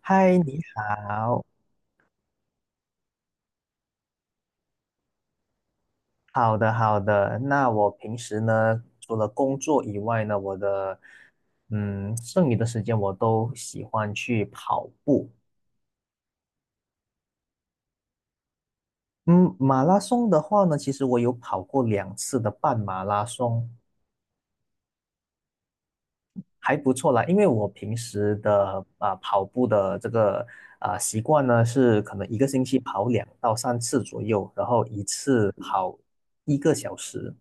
嗨，你好，好的好的。那我平时呢，除了工作以外呢，我的剩余的时间我都喜欢去跑步。嗯，马拉松的话呢，其实我有跑过2次的半马拉松，还不错啦。因为我平时的跑步的这个习惯呢，是可能一个星期跑2到3次左右，然后一次跑一个小时。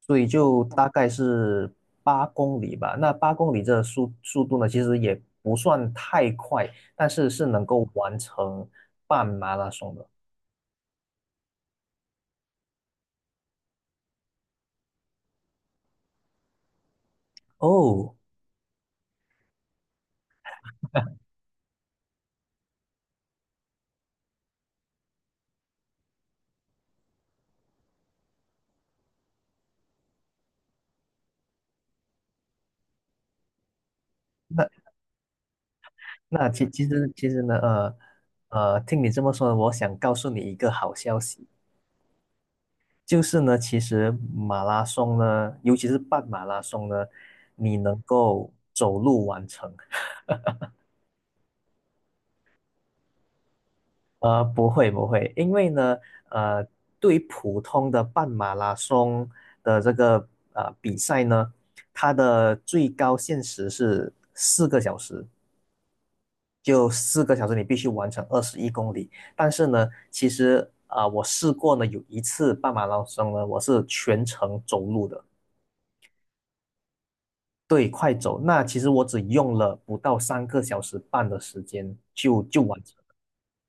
所以就大概是八公里吧。那八公里这速度呢，其实也不算太快，但是是能够完成半马拉松的。哦，那那其实呢，听你这么说，我想告诉你一个好消息，就是呢，其实马拉松呢，尤其是半马拉松呢，你能够走路完成。不会不会，因为呢，呃，对于普通的半马拉松的这个比赛呢，它的最高限时是四个小时，就四个小时你必须完成二十一公里。但是呢，其实我试过呢，有一次半马拉松呢，我是全程走路的，对，快走。那其实我只用了不到3个小时半的时间就完成。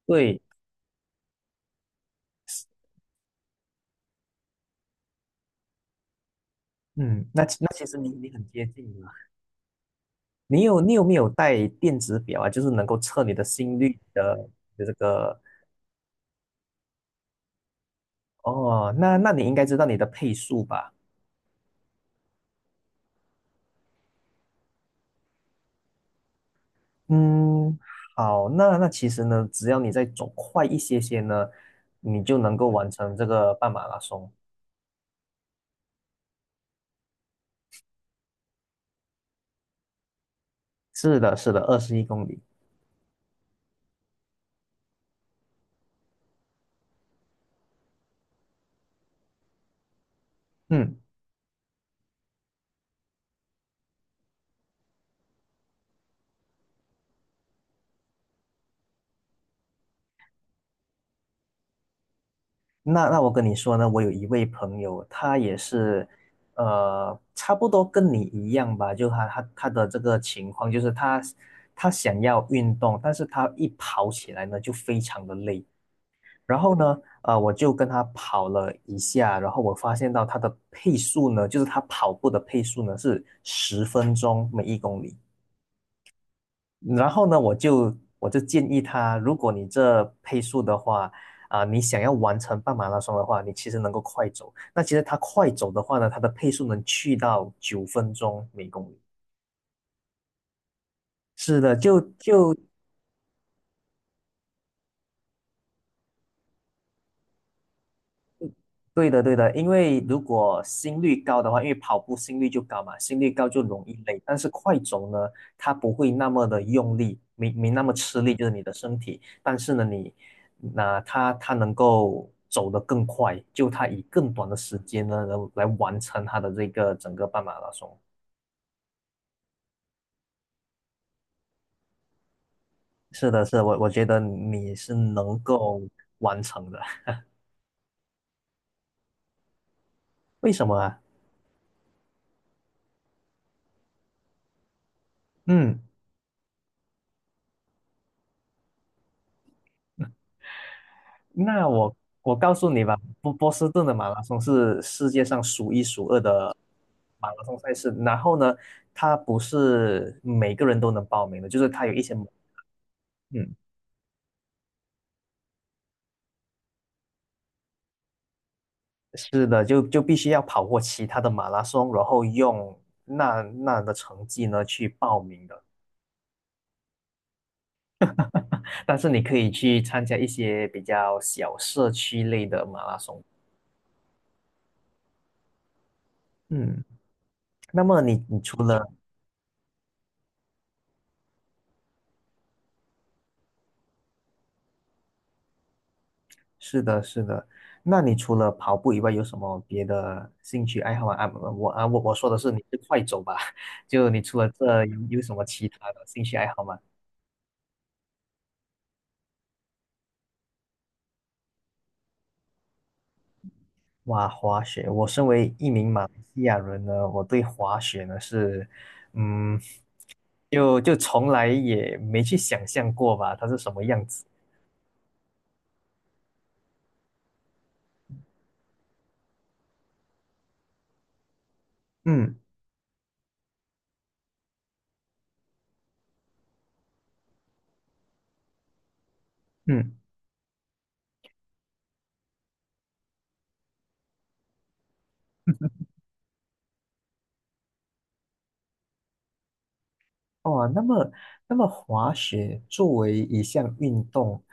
对，嗯，那其实你很接近。你有没有带电子表啊？就是能够测你的心率的这个。哦，那你应该知道你的配速吧？嗯，好，那其实呢，只要你再走快一些些呢，你就能够完成这个半马拉松。是的，是的，二十一公里。嗯。那我跟你说呢，我有一位朋友，他也是，差不多跟你一样吧，就他的这个情况，就是他想要运动，但是他一跑起来呢就非常的累。然后呢，我就跟他跑了一下，然后我发现到他的配速呢，就是他跑步的配速呢是10分钟每1公里。然后呢，我就建议他，如果你这配速的话，你想要完成半马拉松的话，你其实能够快走。那其实他快走的话呢，他的配速能去到9分钟每公里。是的，对的，对的，因为如果心率高的话，因为跑步心率就高嘛，心率高就容易累。但是快走呢，它不会那么的用力，没那么吃力，就是你的身体。但是呢，那它能够走得更快，就它以更短的时间呢，能来完成它的这个整个半马拉松。是的，是的，我觉得你是能够完成的。为什么啊？嗯。那我告诉你吧，波士顿的马拉松是世界上数一数二的马拉松赛事。然后呢，它不是每个人都能报名的，就是它有一些门。嗯，是的，就必须要跑过其他的马拉松，然后用那的成绩呢去报名的。但是你可以去参加一些比较小社区类的马拉松。嗯，那么你除了。是的，是的。那你除了跑步以外，有什么别的兴趣爱好吗？啊，我啊，我我说的是你是快走吧？就你除了这有什么其他的兴趣爱好吗？哇，滑雪！我身为一名马来西亚人呢，我对滑雪呢是，嗯，就从来也没去想象过吧，它是什么样子。嗯嗯。哦，那么滑雪作为一项运动，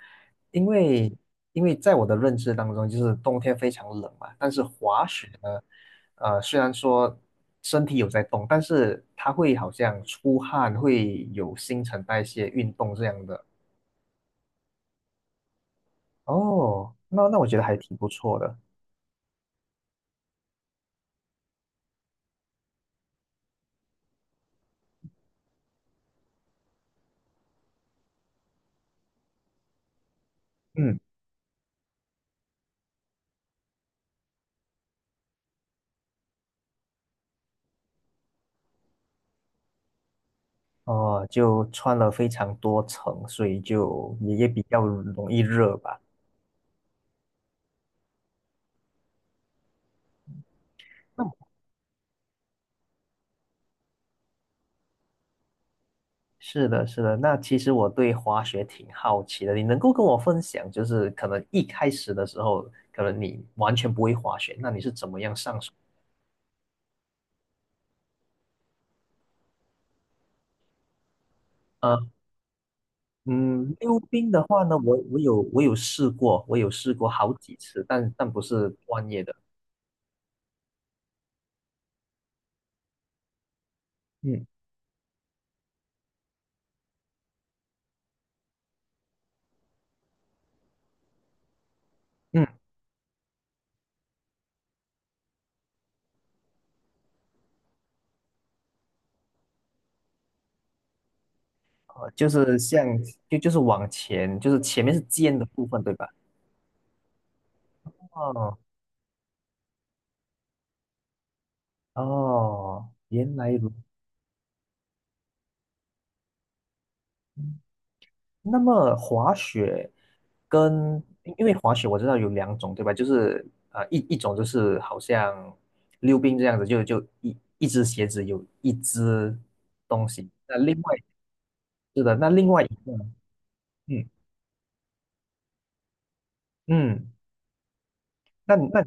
因为因为在我的认知当中，就是冬天非常冷嘛，但是滑雪呢，虽然说身体有在动，但是它会好像出汗，会有新陈代谢运动这样的。哦，那我觉得还挺不错的。嗯，哦，就穿了非常多层，所以就也比较容易热吧。是的，是的。那其实我对滑雪挺好奇的，你能够跟我分享，就是可能一开始的时候，可能你完全不会滑雪，那你是怎么样上手？呃，嗯，溜冰的话呢，我有试过，我有试过好几次，但不是专业的。嗯嗯。就是像就就是往前，就是前面是尖的部分，对吧？哦哦。原来如那么滑雪因为滑雪我知道有两种，对吧？就是一种就是好像溜冰这样子，就一只鞋子有一只东西。那另外。是的，那另外一个。嗯嗯。那那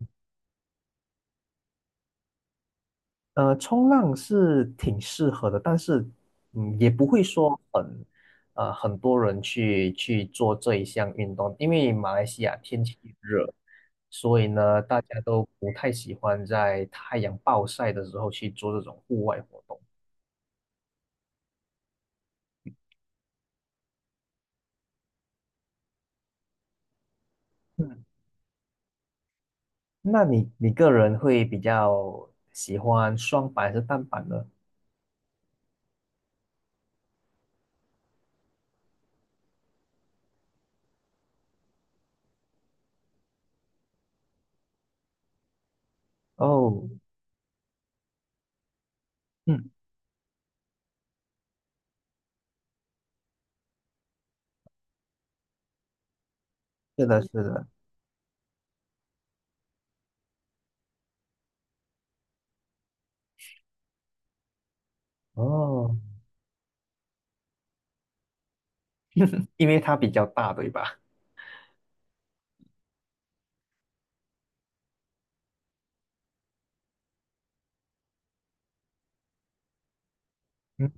呃，冲浪是挺适合的，但是，也不会说很多人去做这一项运动，因为马来西亚天气热，所以呢，大家都不太喜欢在太阳暴晒的时候去做这种户外活动。嗯，那你个人会比较喜欢双板还是单板呢？哦，嗯，是的，是的，哦，因为它比较大，对吧？嗯。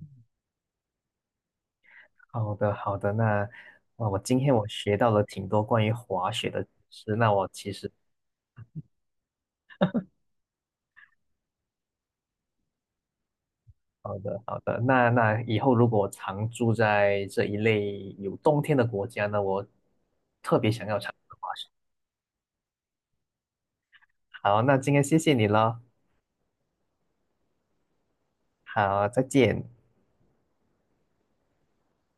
好的，好的。那我今天我学到了挺多关于滑雪的知识。那我其实好的，好的。那以后如果我常住在这一类有冬天的国家呢，我特别想要尝试。好，那今天谢谢你了。好，再见。